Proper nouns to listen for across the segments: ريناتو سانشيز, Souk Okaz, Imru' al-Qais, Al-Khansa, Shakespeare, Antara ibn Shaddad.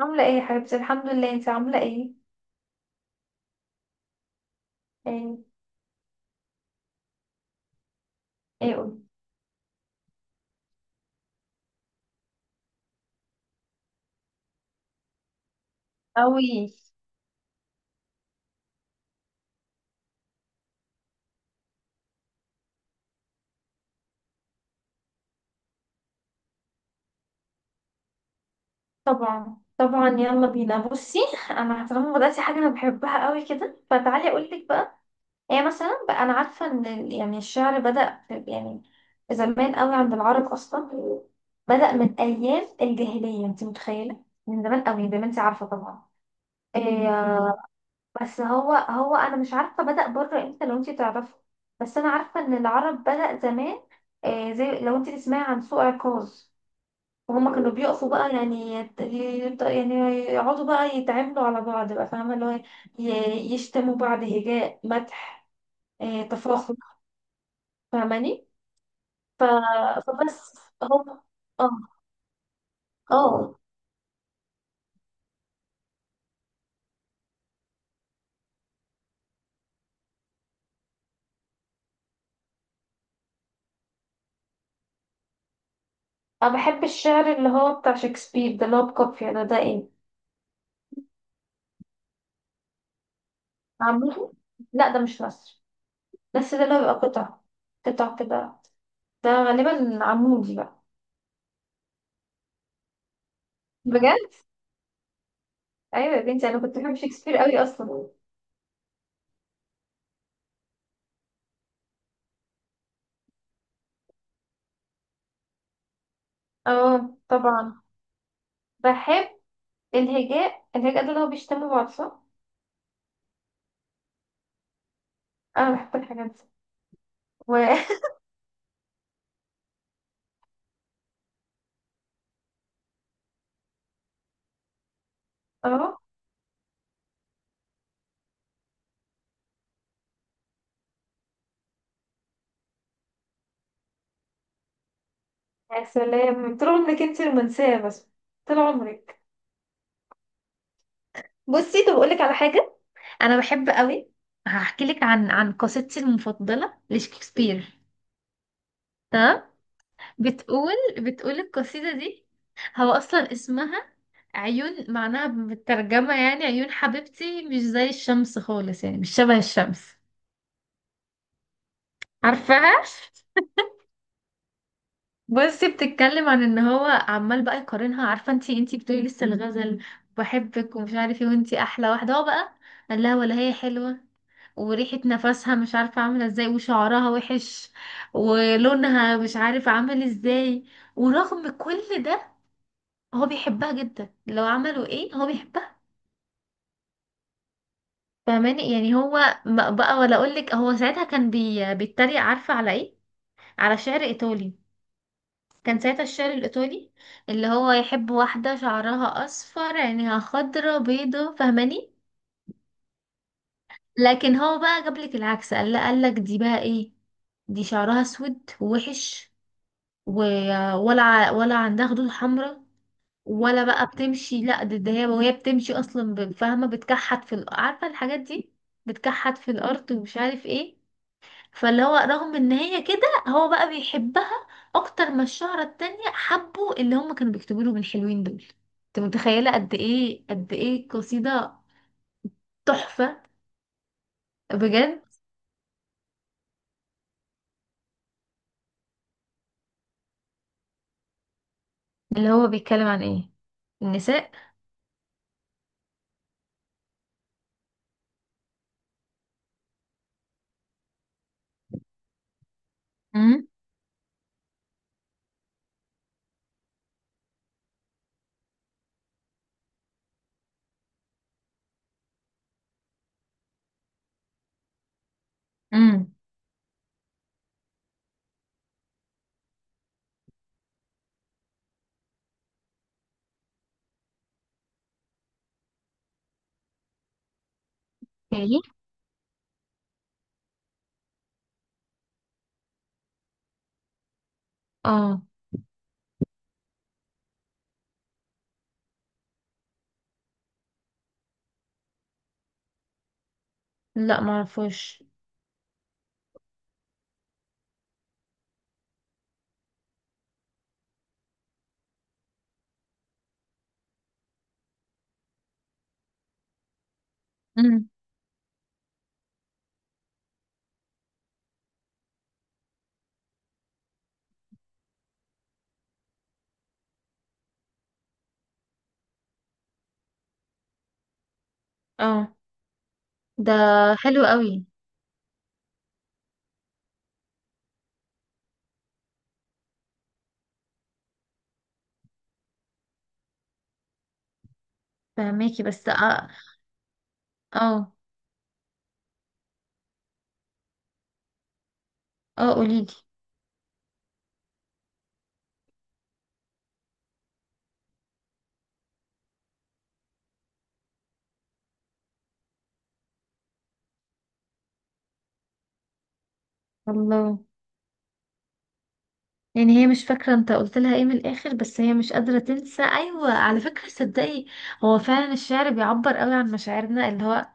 عاملة ايه يا حبيبتي، الحمد لله. انت عاملة ايه؟ ايه. ايه، قولي. أوي. طبعا طبعا، يلا بينا، بصي. انا طالما بدأتي حاجة انا بحبها قوي كده، فتعالي اقول لك بقى. هي مثلا بقى انا عارفة ان الشعر بدأ في- يعني زمان قوي عند العرب اصلا. بدأ من ايام الجاهلية، انت متخيلة؟ من زمان قوي زي ما انت عارفة طبعا. إيه. بس هو انا مش عارفه بدأ بره امتى، لو انت تعرفه. بس انا عارفه ان العرب بدأ زمان. آه، زي لو انت تسمعي عن سوق عكاظ. وهما كانوا بيقفوا بقى، يعني يقعدوا بقى يتعاملوا على بعض بقى، فاهمه؟ اللي هو يشتموا بعض، هجاء، مدح. آه، تفاخر، فاهماني؟ ف... فبس. هو. اه. اه. انا بحب الشعر اللي هو بتاع شكسبير ده، اللي هو بكافيه، ده ايه عامله. لا، ده مش مصري. بس ده اللي هو بيبقى قطع، قطع كده. ده غالبا عمودي بقى. بجد. ايوه يا بنتي، انا كنت بحب شكسبير قوي اصلا. اه طبعا. بحب الهجاء. الهجاء ده اللي هو بيشتموا بعض، صح؟ انا بحب الحاجات دي، و اه. يا سلام، طول عمرك انت رومانسية بس. طول عمرك. بصي، طب اقول لك على حاجة. انا بحب قوي. هحكي لك عن قصيدتي المفضلة لشكسبير. تمام. بتقول بتقول القصيدة دي، هو اصلا اسمها عيون، معناها بالترجمة يعني عيون حبيبتي مش زي الشمس خالص، يعني مش شبه الشمس. عارفاها؟ بصي، بتتكلم عن ان هو عمال بقى يقارنها. عارفة انتي بتقولي لسه الغزل، بحبك ومش عارف ايه وانتي احلى واحدة. هو بقى قال لها ولا هي حلوة، وريحة نفسها مش عارفة عاملة ازاي، وشعرها وحش، ولونها مش عارف عامل ازاي. ورغم كل ده، هو بيحبها جدا، لو عملوا ايه هو بيحبها. فاهماني؟ يعني هو بقى، ولا اقول لك، هو ساعتها كان بيتريق، عارفه على ايه؟ على شعر ايطالي. كان ساعتها الشعر الايطالي اللي هو يحب واحده شعرها اصفر، عينيها خضرا، بيضه، فاهماني؟ لكن هو بقى جاب لك العكس، قال لا، قال لك دي بقى ايه، دي شعرها اسود ووحش، ولا عندها خدود حمراء، ولا بقى بتمشي. لا، ده هي وهي بتمشي اصلا، فاهمه، عارفه الحاجات دي، بتكحت في الارض ومش عارف ايه. فاللي هو رغم ان هي كده، هو بقى بيحبها اكتر ما الشهرة التانية حبوا اللي هم كانوا بيكتبوا له من الحلوين دول. انت متخيلة قد ايه، قد ايه قصيدة تحفة، بجد؟ اللي هو بيتكلم عن ايه، النساء؟ امم. امم. ايه. اه. لا، معرفوش. امم. اه. ده حلو قوي. فهماكي بس اه. اه. آه، قوليلي. الله. يعني هي مش فاكرة انت قلت لها ايه من الاخر، بس هي مش قادرة تنسى. ايوه، على فكرة صدقي، هو فعلا الشعر بيعبر قوي عن مشاعرنا. اللي هو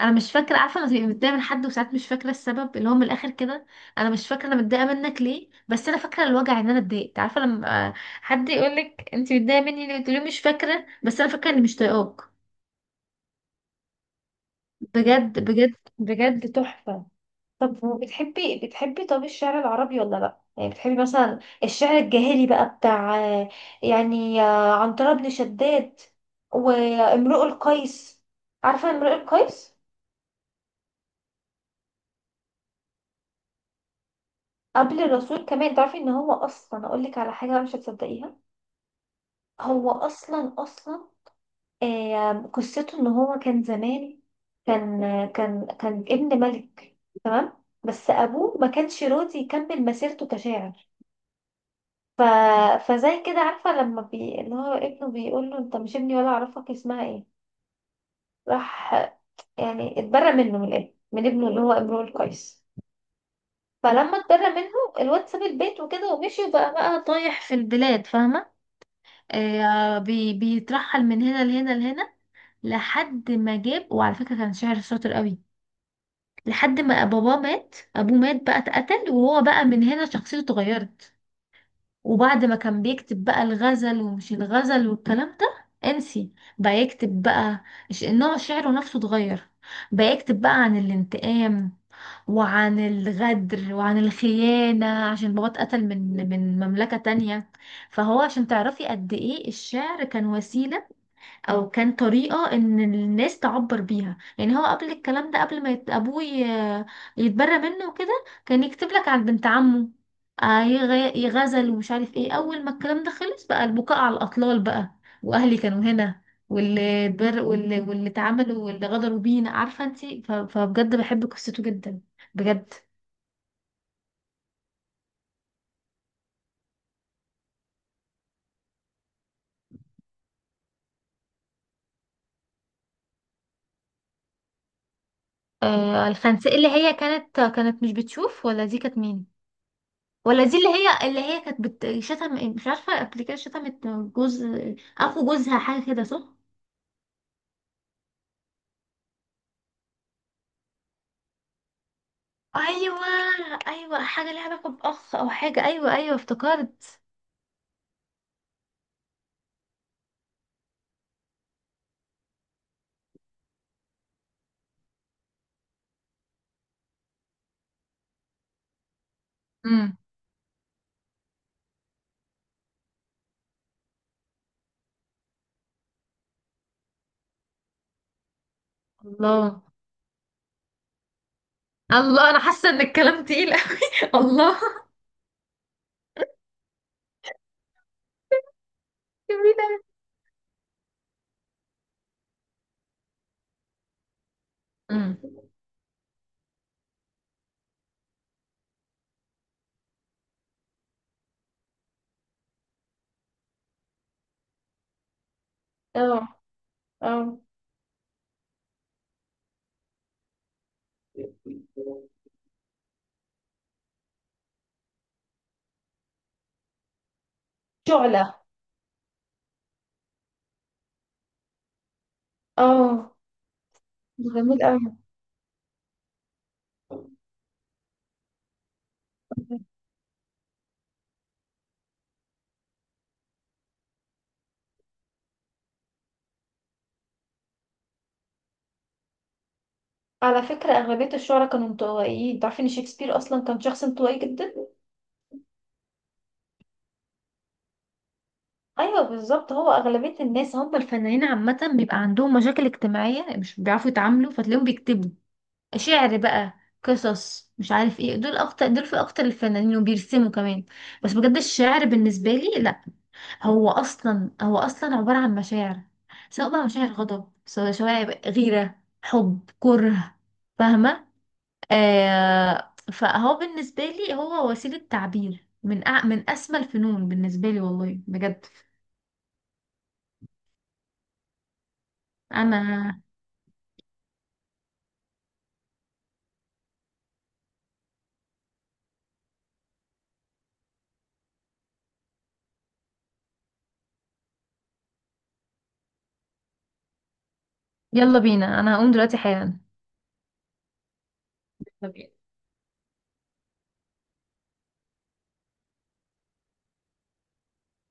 انا مش فاكرة، عارفة لما تبقي متضايقة من حد وساعات مش فاكرة السبب، اللي هو من الاخر كده انا مش فاكرة انا متضايقة منك ليه، بس انا فاكرة الوجع، ان انا اتضايقت. عارفة لما حد يقولك انت متضايقة مني ليه، تقولي له مش فاكرة، بس انا فاكرة اني مش طايقاك. بجد بجد بجد تحفة. طب بتحبي الشعر العربي ولا لا؟ يعني بتحبي مثلا الشعر الجاهلي بقى بتاع عنترة بن شداد وامرؤ القيس. عارفة امرؤ القيس؟ قبل الرسول كمان، تعرفي ان هو اصلا، اقول لك على حاجة مش هتصدقيها. هو اصلا قصته ان هو كان زمان، كان كان ابن ملك، تمام. بس ابوه ما كانش راضي يكمل مسيرته كشاعر. ف... فزي كده، عارفة، لما اللي هو ابنه بيقول له انت مش ابني ولا اعرفك، اسمها ايه، راح يعني اتبرى منه، من الابن، من ابنه اللي هو امرؤ القيس. فلما اتبرى منه، الواد ساب البيت وكده ومشي، وبقى طايح في البلاد، فاهمة؟ آه، بيترحل من هنا لهنا لهنا، لحد ما جاب، وعلى فكرة كان شاعر شاطر قوي، لحد ما باباه مات، ابوه مات بقى، اتقتل. وهو بقى من هنا شخصيته اتغيرت. وبعد ما كان بيكتب بقى الغزل ومش الغزل والكلام ده انسي، بقى يكتب بقى، نوع شعره نفسه اتغير، بقى يكتب بقى عن الانتقام، وعن الغدر، وعن الخيانة، عشان بابا اتقتل من مملكة تانية. فهو عشان تعرفي قد ايه الشعر كان وسيلة، او كان طريقة ان الناس تعبر بيها. يعني هو قبل الكلام ده، قبل ما ابوه يتبرى منه وكده، كان يكتب لك على بنت عمه، يغزل ومش عارف ايه. اول ما الكلام ده خلص، بقى البكاء على الاطلال بقى، واهلي كانوا هنا، واللي اتعاملوا واللي غدروا بينا، عارفة انتي؟ فبجد بحب قصته جدا، بجد. آه الخنساء، اللي هي كانت، مش بتشوف، ولا دي كانت مين؟ ولا دي اللي هي كانت بتشتم، مش عارفه، قبل كده شتمت جوز، اخو جوزها، حاجه كده، صح؟ ايوه، ايوه حاجه ليها علاقه باخ او حاجه، ايوه ايوه افتكرت. امم. الله. الله، انا حاسه ان الكلام تقيل قوي الله. جميل أوي. امم. اه. اه. شعلة. اه. جميل قوي. على فكرة أغلبية الشعراء كانوا انطوائيين. تعرفي إن شكسبير أصلا كان شخص انطوائي جدا؟ ايوه بالظبط، هو اغلبيه الناس، هم الفنانين عامه بيبقى عندهم مشاكل اجتماعيه مش بيعرفوا يتعاملوا، فتلاقيهم بيكتبوا شعر بقى، قصص، مش عارف ايه، دول اكتر، دول في اكتر الفنانين، وبيرسموا كمان. بس بجد الشعر بالنسبه لي لا، هو اصلا عباره عن مشاعر، سواء بقى مشاعر غضب، سواء غيره، حب، كره، فاهمه؟ آه، فهو بالنسبه لي هو وسيله تعبير، من اسمى الفنون بالنسبه لي، والله بجد. انا يلا بينا، انا هقوم دلوقتي حالا. طب.